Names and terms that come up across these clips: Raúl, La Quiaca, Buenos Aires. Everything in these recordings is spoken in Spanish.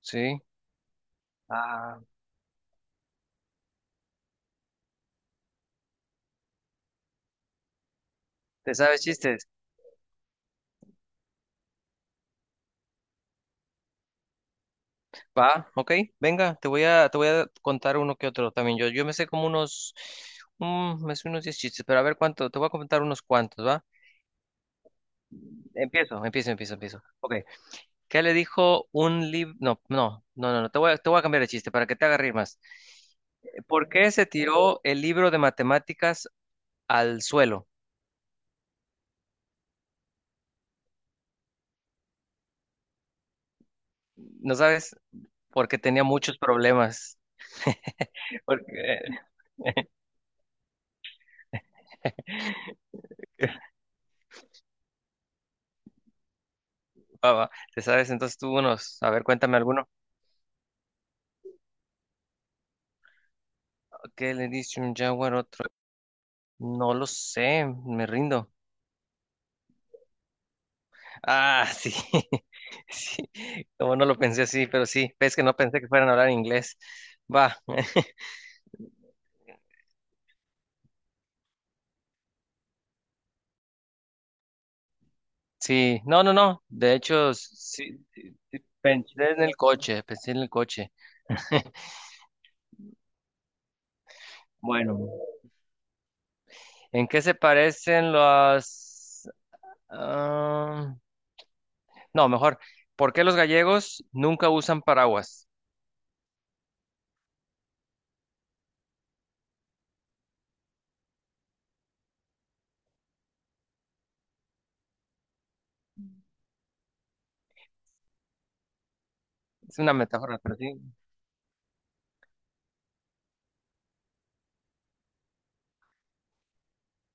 Sí. Ah, ¿te sabes chistes? Va, ok, venga, te voy a contar uno que otro también. Yo me sé unos 10 chistes, pero a ver cuánto, te voy a contar unos cuantos, ¿va? Empiezo. Ok, ¿qué le dijo un libro? No, no, no, no, no, te voy a cambiar el chiste para que te haga reír más. ¿Por qué se tiró el libro de matemáticas al suelo? ¿No sabes? Porque tenía muchos problemas. Porque. Va, va, ¿te sabes entonces tú unos? A ver, cuéntame alguno. ¿Qué le dice un jaguar a otro? No lo sé, me rindo. Ah, sí. Sí, como no lo pensé así, pero sí, es que no pensé que fueran a hablar inglés. Va, sí, no, no, no. De hecho, sí, sí, sí, pensé en el coche, pensé en el coche. Bueno, ¿en qué se parecen los... Ah, no, mejor, ¿por qué los gallegos nunca usan paraguas? Es una metáfora, pero sí.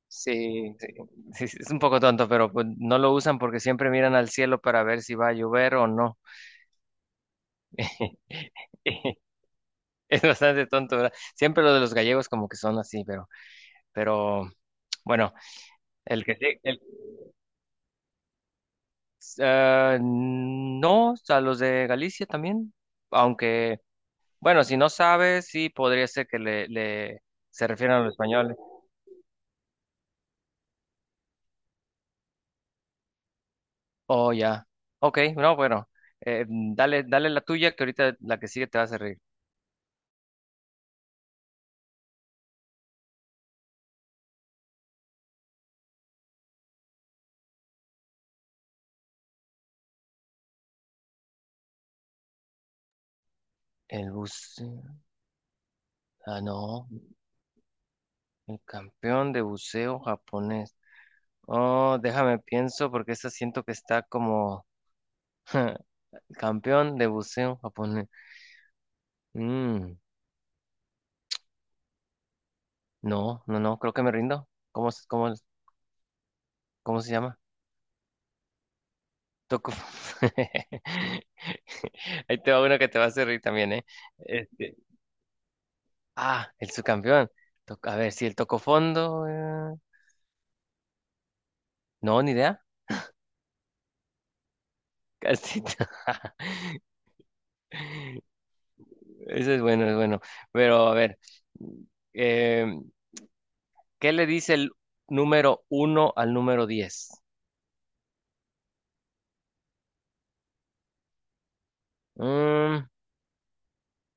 Sí, sí, sí, sí, es un poco tonto, pero pues, no lo usan porque siempre miran al cielo para ver si va a llover o no. Es bastante tonto, ¿verdad? Siempre lo de los gallegos como que son así, pero bueno, el que sí- el- ah, no, a los de Galicia también, aunque, bueno, si no sabes, sí podría ser que le se refieran a los españoles. Oh, ya. Ok, no, bueno, dale, dale la tuya, que ahorita la que sigue te vas a reír. El bus. Ah, no, el campeón de buceo japonés. Oh, déjame pienso porque esta siento que está como campeón de buceo japonés. Mm, no, no, no, creo que me rindo. ¿Cómo se llama? Toku. Ahí te va uno que te va a hacer reír también, ¿eh? Este, el subcampeón. A ver, si el tocó fondo. No, ni idea. Casi. Eso es bueno, es bueno. Pero a ver. mm, em, ¿Qué le dice el número uno al número 10? Mm,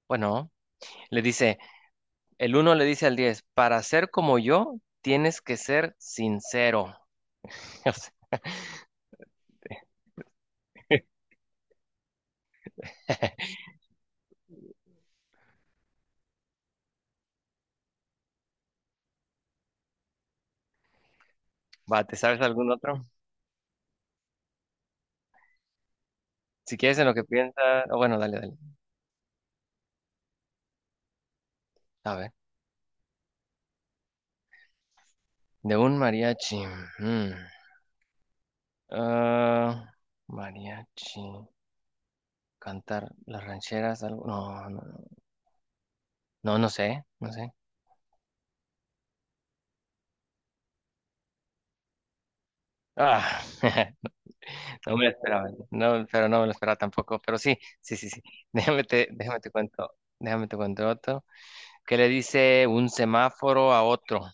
bueno, le dice, el uno le dice al 10 para ser como yo, tienes que ser sincero. Va, ¿te sabes algún otro? Si quieres en lo que piensas, oh, bueno, dale, dale. A ver, de un mariachi. mm, ah, mariachi. Cantar las rancheras, algo. No, no, no, no, no sé, no sé. Ah, no me lo esperaba, no, pero no me lo esperaba tampoco. Pero sí, sí, sí, sí. Déjame te cuento otro. ¿Qué le dice un semáforo a otro?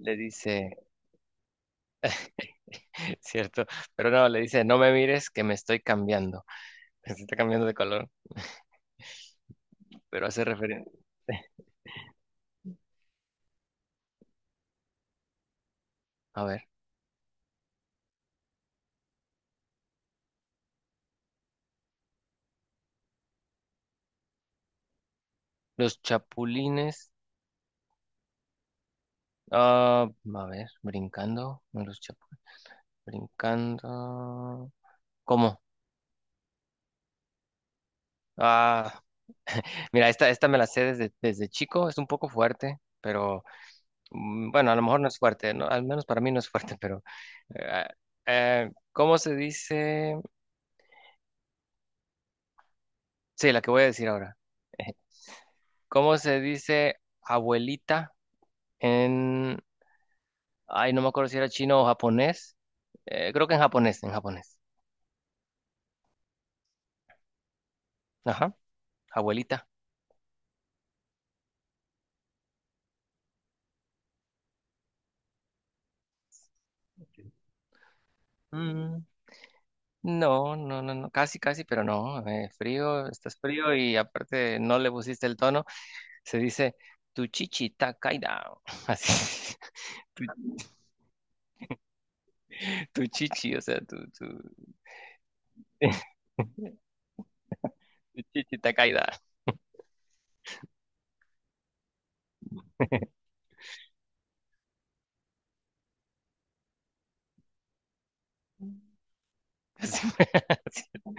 Le dice, cierto, pero no, le dice, no me mires que me estoy cambiando. Se está cambiando de color, pero hace referencia. A ver, los chapulines. Ah, a ver, brincando. No, los chapulines. Brincando. ¿Cómo? Ah, mira, esta me la sé desde, chico. Es un poco fuerte, pero. Bueno, a lo mejor no es fuerte, ¿no? Al menos para mí no es fuerte, pero eh, ¿cómo se dice? Sí, la que voy a decir ahora. ¿Cómo se dice abuelita en, ay, no me acuerdo si era chino o japonés? Creo que en japonés, en japonés. Ajá, abuelita. Mm, no, no, no, no, casi, casi, pero no. Frío, estás frío y aparte no le pusiste el tono. Se dice tu chichi está caída. Así, tu, tu, chichi, o sea, tu. Chichita caída. Sí.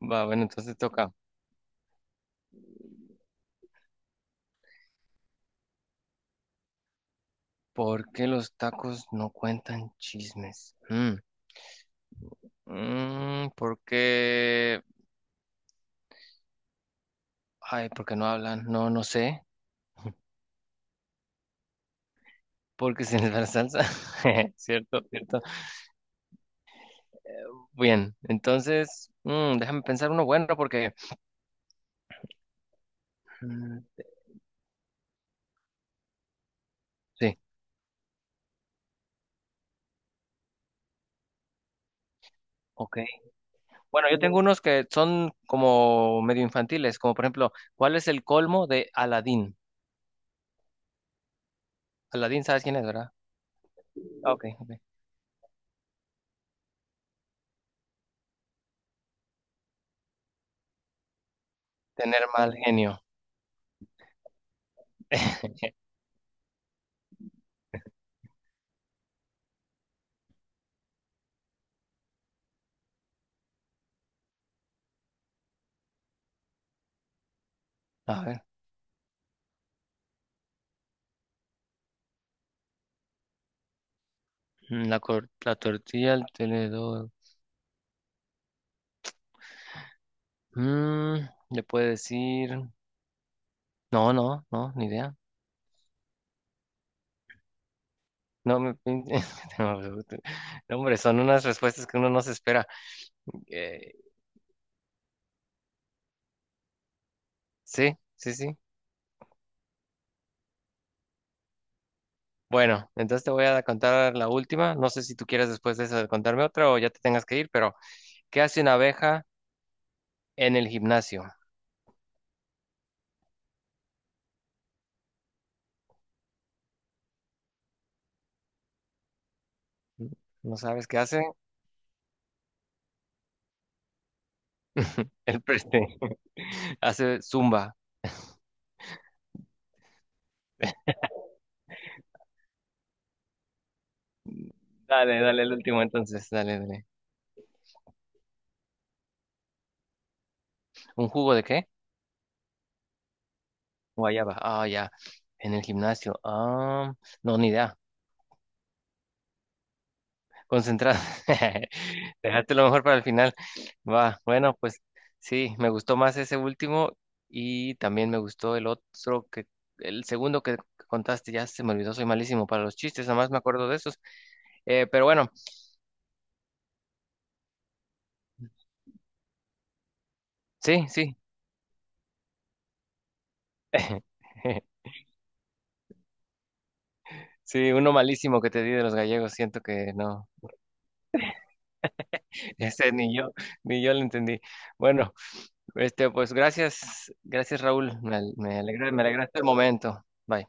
Va, bueno, entonces toca. ¿Por qué los tacos no cuentan chismes? ¿Por qué? Ay, ¿por qué no hablan? No, no sé. Porque se les va la salsa. Cierto, cierto. Bien, entonces, déjame pensar uno bueno porque. Mm, sí, ok. Bueno, yo tengo unos que son como medio infantiles, como por ejemplo, ¿cuál es el colmo de Aladín? Aladín, ¿sabes quién es, verdad? Ah, ok, ok. Tener mal genio. A ver, la tortilla, el tenedor. Mm, le puede decir. No, no, no, ni idea. No, no, no, hombre, son unas respuestas que uno no se espera. Eh, sí, sí, sí. Bueno, entonces te voy a contar la última. No sé si tú quieres después de eso contarme otra o ya te tengas que ir, pero ¿qué hace una abeja en el gimnasio? ¿No sabes qué hace? El preste. Hace zumba. Dale, dale, el último entonces. Dale, dale. ¿Un jugo de qué? Guayaba. Ah, ya. En el gimnasio. Ah, no, ni idea. Concentrado. Dejaste lo mejor para el final. Va, bueno, pues sí, me gustó más ese último y también me gustó el otro que, el segundo que contaste, ya se me olvidó, soy malísimo para los chistes, nada más me acuerdo de esos. Pero bueno, sí, sí. Sí, uno malísimo que te di de los gallegos, siento que no, ese ni yo, ni yo lo entendí. Bueno. Este, pues gracias, gracias Raúl, me alegraste el momento. Bye.